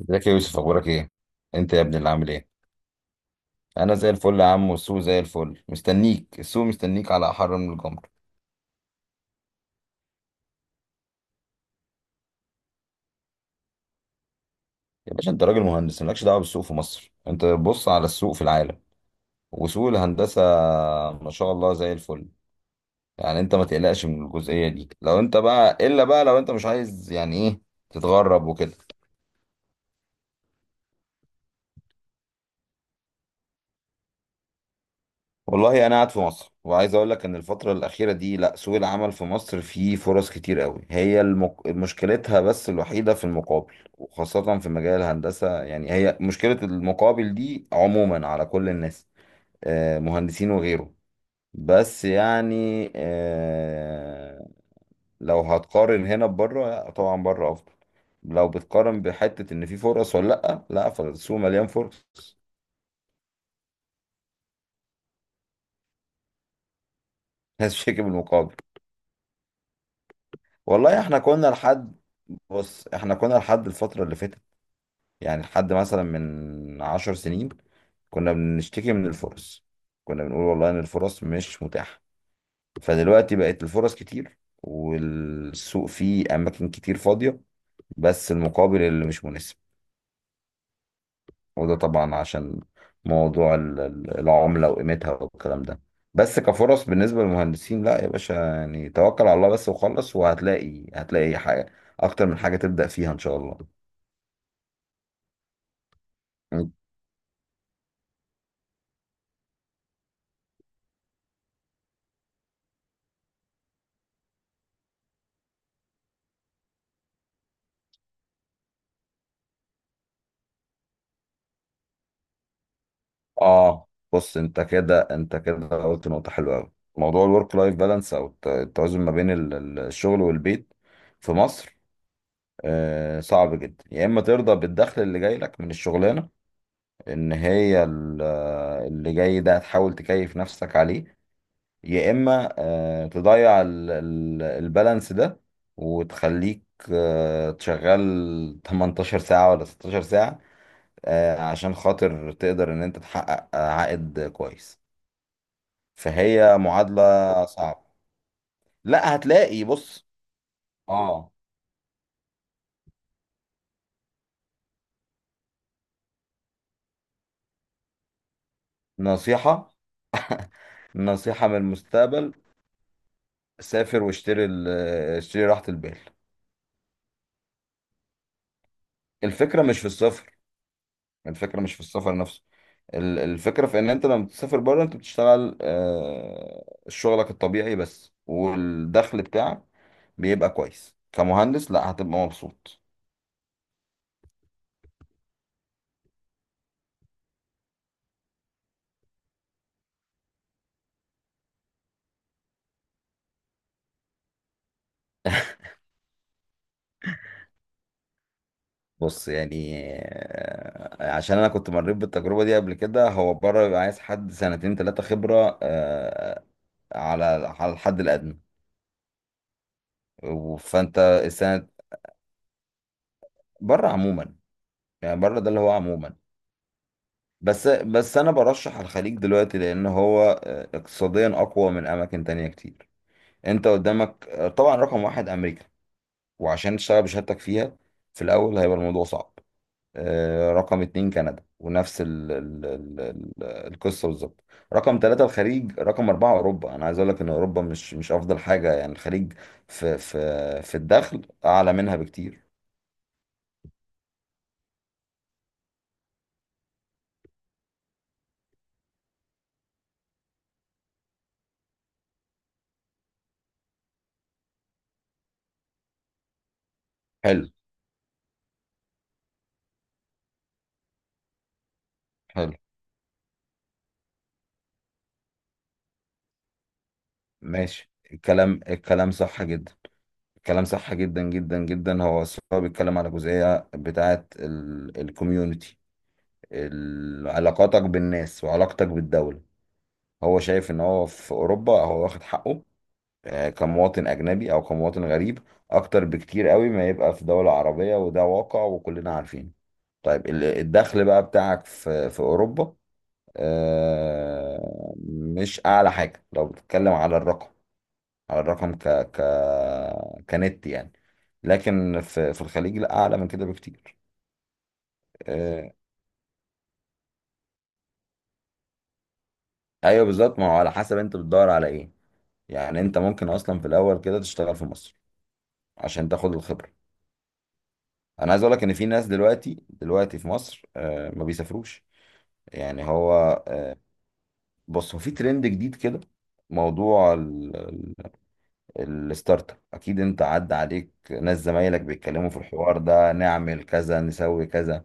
ازيك يا يوسف، اخبارك ايه؟ انت يا ابني اللي عامل ايه؟ انا زي الفل يا عم، والسوق زي الفل مستنيك. السوق مستنيك على احر من الجمر. يا باشا، انت راجل مهندس مالكش دعوه بالسوق في مصر. انت بص على السوق في العالم وسوق الهندسه ما شاء الله زي الفل. يعني انت ما تقلقش من الجزئيه دي. لو انت بقى الا بقى لو انت مش عايز يعني ايه تتغرب وكده. والله انا قاعد في مصر، وعايز اقول لك ان الفتره الاخيره دي لا، سوق العمل في مصر فيه فرص كتير قوي. هي مشكلتها بس الوحيده في المقابل، وخاصه في مجال الهندسه. يعني هي مشكله المقابل دي عموما على كل الناس، مهندسين وغيره. بس يعني لو هتقارن هنا ببره، لا، طبعا بره افضل. لو بتقارن بحته ان في فرص ولا لا، لا، فالسوق مليان فرص. بس شكل بالمقابل. والله احنا كنا لحد، بص احنا كنا لحد الفترة اللي فاتت، يعني لحد مثلا من عشر سنين كنا بنشتكي من الفرص. كنا بنقول والله ان الفرص مش متاحة، فدلوقتي بقت الفرص كتير والسوق فيه اماكن كتير فاضية، بس المقابل اللي مش مناسب. وده طبعا عشان موضوع العملة وقيمتها والكلام ده. بس كفرص بالنسبة للمهندسين، لا يا باشا، يعني توكل على الله بس وخلص، وهتلاقي حاجة اكتر من حاجة تبدأ فيها ان شاء الله. اه بص، انت كده قلت نقطة حلوة قوي. موضوع الورك لايف بالانس، او التوازن ما بين الشغل والبيت في مصر، آه صعب جدا. يا اما ترضى بالدخل اللي جاي لك من الشغلانة، ان هي اللي جاي ده هتحاول تكيف نفسك عليه، يا اما تضيع البالانس ده وتخليك تشغل 18 ساعة ولا 16 ساعة، عشان خاطر تقدر ان انت تحقق عائد كويس. فهي معادلة صعبة. لا، هتلاقي بص. اه نصيحة، نصيحة من المستقبل. سافر واشتري اشتري راحة البال. الفكرة مش في السفر، الفكرة مش في السفر نفسه. الفكرة في ان انت لما بتسافر بره، انت بتشتغل شغلك الطبيعي بس، والدخل بتاعك بيبقى كويس كمهندس. لا، هتبقى مبسوط. بص يعني عشان انا كنت مريت بالتجربه دي قبل كده. هو بره بيبقى عايز حد سنتين ثلاثه خبره على على الحد الادنى. فانت السنه بره عموما، يعني بره ده اللي هو عموما. بس انا برشح الخليج دلوقتي، لان هو اقتصاديا اقوى من اماكن تانية كتير. انت قدامك طبعا رقم واحد امريكا، وعشان تشتغل بشهادتك فيها في الاول هيبقى الموضوع صعب. رقم اتنين كندا، ونفس ال القصة بالظبط. رقم ثلاثة الخليج، رقم أربعة أوروبا. أنا عايز أقول لك إن أوروبا مش أفضل حاجة، يعني الخليج في في في الدخل أعلى منها بكتير. حلو. حلو. ماشي، الكلام الكلام صح جدا، الكلام صح جدا جدا جدا. هو الصراحة بيتكلم على جزئية بتاعة الكوميونتي، علاقاتك بالناس وعلاقتك بالدولة. هو شايف إن هو في أوروبا هو واخد حقه كمواطن أجنبي أو كمواطن غريب أكتر بكتير قوي ما يبقى في دولة عربية، وده واقع وكلنا عارفين. طيب الدخل بقى بتاعك في في أوروبا مش أعلى حاجة. لو بتتكلم على الرقم، على الرقم ك ك كنت يعني، لكن في في الخليج لا، أعلى من كده بكتير. آه، أيوه بالظبط، ما هو على حسب أنت بتدور على إيه. يعني أنت ممكن أصلا في الأول كده تشتغل في مصر عشان تاخد الخبرة. انا عايز اقول لك ان في ناس دلوقتي، دلوقتي في مصر ما بيسافروش. يعني هو آه، بص هو في ترند جديد كده. موضوع الستارت اب، اكيد انت عدى عليك ناس زمايلك بيتكلموا في الحوار ده، نعمل كذا نسوي كذا.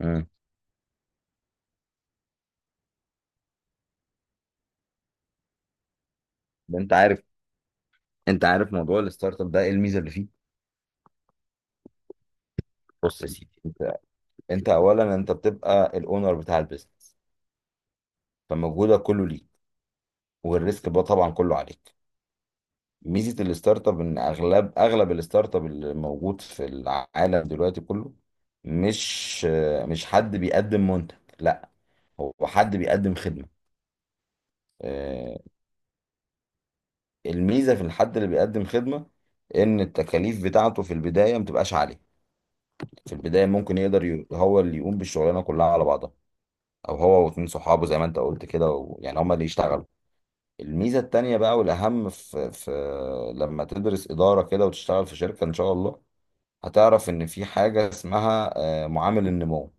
امم. انت عارف، انت عارف موضوع الستارت اب ده ايه الميزه اللي فيه؟ بص يا سيدي، انت اولا انت بتبقى الاونر بتاع البيزنس، فمجهودك كله ليك، والريسك بقى طبعا كله عليك. ميزه الستارت اب ان اغلب الستارت اب اللي موجود في العالم دلوقتي كله مش مش حد بيقدم منتج، لا، هو حد بيقدم خدمه. آه، الميزه في الحد اللي بيقدم خدمه ان التكاليف بتاعته في البدايه ما بتبقاش عاليه. في البدايه ممكن يقدر هو اللي يقوم بالشغلانه كلها على بعضها، او هو واتنين صحابه زي ما انت قلت كده، يعني هما اللي يشتغلوا. الميزه التانيه بقى والاهم في لما تدرس اداره كده وتشتغل في شركه ان شاء الله، هتعرف ان في حاجه اسمها معامل النمو.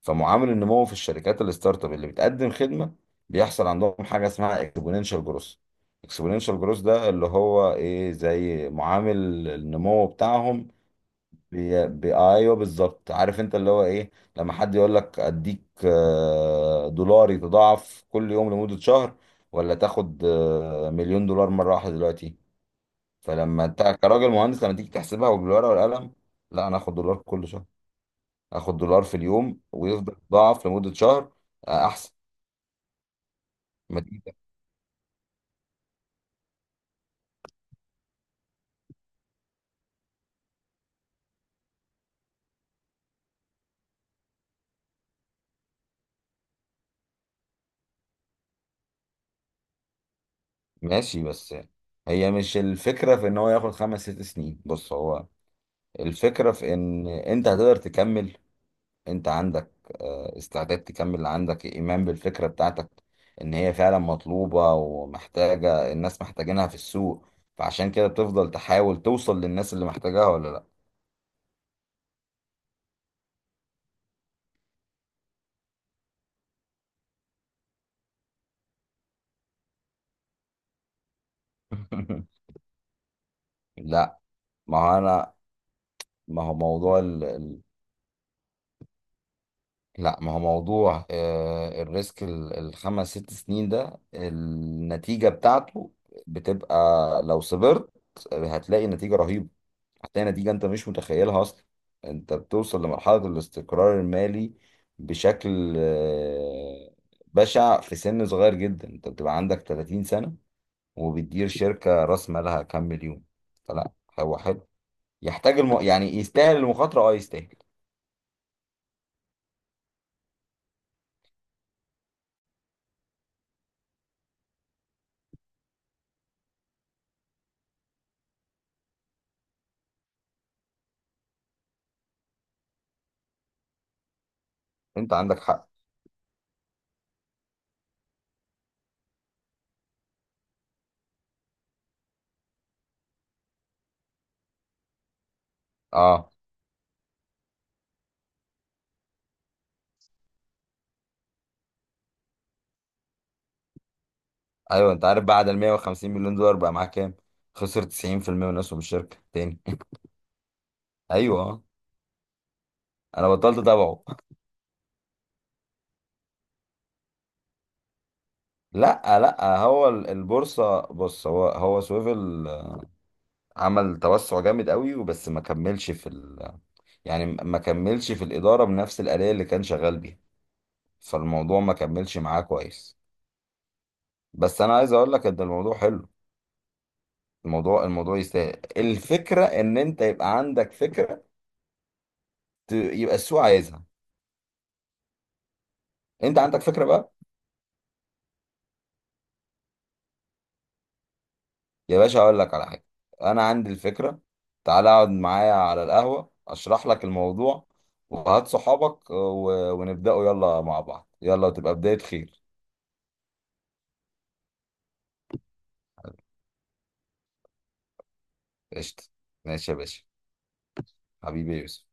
فمعامل النمو في الشركات الستارت اب اللي بتقدم خدمه بيحصل عندهم حاجه اسمها اكسبوننشال جروث. اكسبوننشال جروث ده اللي هو ايه، زي معامل النمو بتاعهم. ايوه بالظبط، عارف انت اللي هو ايه. لما حد يقول لك اديك دولار يتضاعف كل يوم لمده شهر، ولا تاخد مليون دولار مره واحده دلوقتي. فلما انت كراجل مهندس لما تيجي تحسبها وبالورقه والقلم، لا انا اخد دولار كل شهر، اخد دولار في اليوم ويفضل يتضاعف لمدة شهر، احسن. ما دي ماشي. بس هي مش الفكرة في ان هو ياخد خمس ست سنين، بص هو الفكرة في ان انت هتقدر تكمل. انت عندك استعداد تكمل، عندك ايمان بالفكرة بتاعتك ان هي فعلا مطلوبة ومحتاجة، الناس محتاجينها في السوق، فعشان كده بتفضل تحاول توصل للناس اللي محتاجاها ولا لا. لا، ما هو انا ما هو موضوع لا ما هو موضوع الريسك الخمس ست سنين ده، النتيجة بتاعته بتبقى، لو صبرت هتلاقي نتيجة رهيبة، هتلاقي نتيجة انت مش متخيلها اصلا. انت بتوصل لمرحلة الاستقرار المالي بشكل بشع، في سن صغير جدا. انت بتبقى عندك 30 سنة وبتدير شركة راس مالها كام مليون. فلا، هو حلو، يحتاج يعني يستاهل المخاطرة، اه يستاهل. انت عندك حق. اه، ايوه انت عارف بعد ال 150 مليون دولار بقى معاه كام؟ خسر 90% من اسهم الشركه تاني. ايوه انا بطلت اتابعه. لا لا هو البورصه. بص هو هو سويفل عمل توسع جامد قوي وبس ما كملش في ال يعني ما كملش في الاداره بنفس الاليه اللي كان شغال بيها، فالموضوع ما كملش معاه كويس. بس انا عايز اقول لك ان الموضوع حلو، الموضوع يستاهل. الفكره ان انت يبقى عندك فكره، يبقى السوق عايزها. انت عندك فكره بقى؟ يا باشا اقول لك على حاجه، انا عندي الفكره. تعالى اقعد معايا على القهوه اشرح لك الموضوع، وهات صحابك ونبداوا يلا مع بعض، يلا تبقى بدايه خير. قشطه. ماشي يا باشا. حبيبي يا يوسف.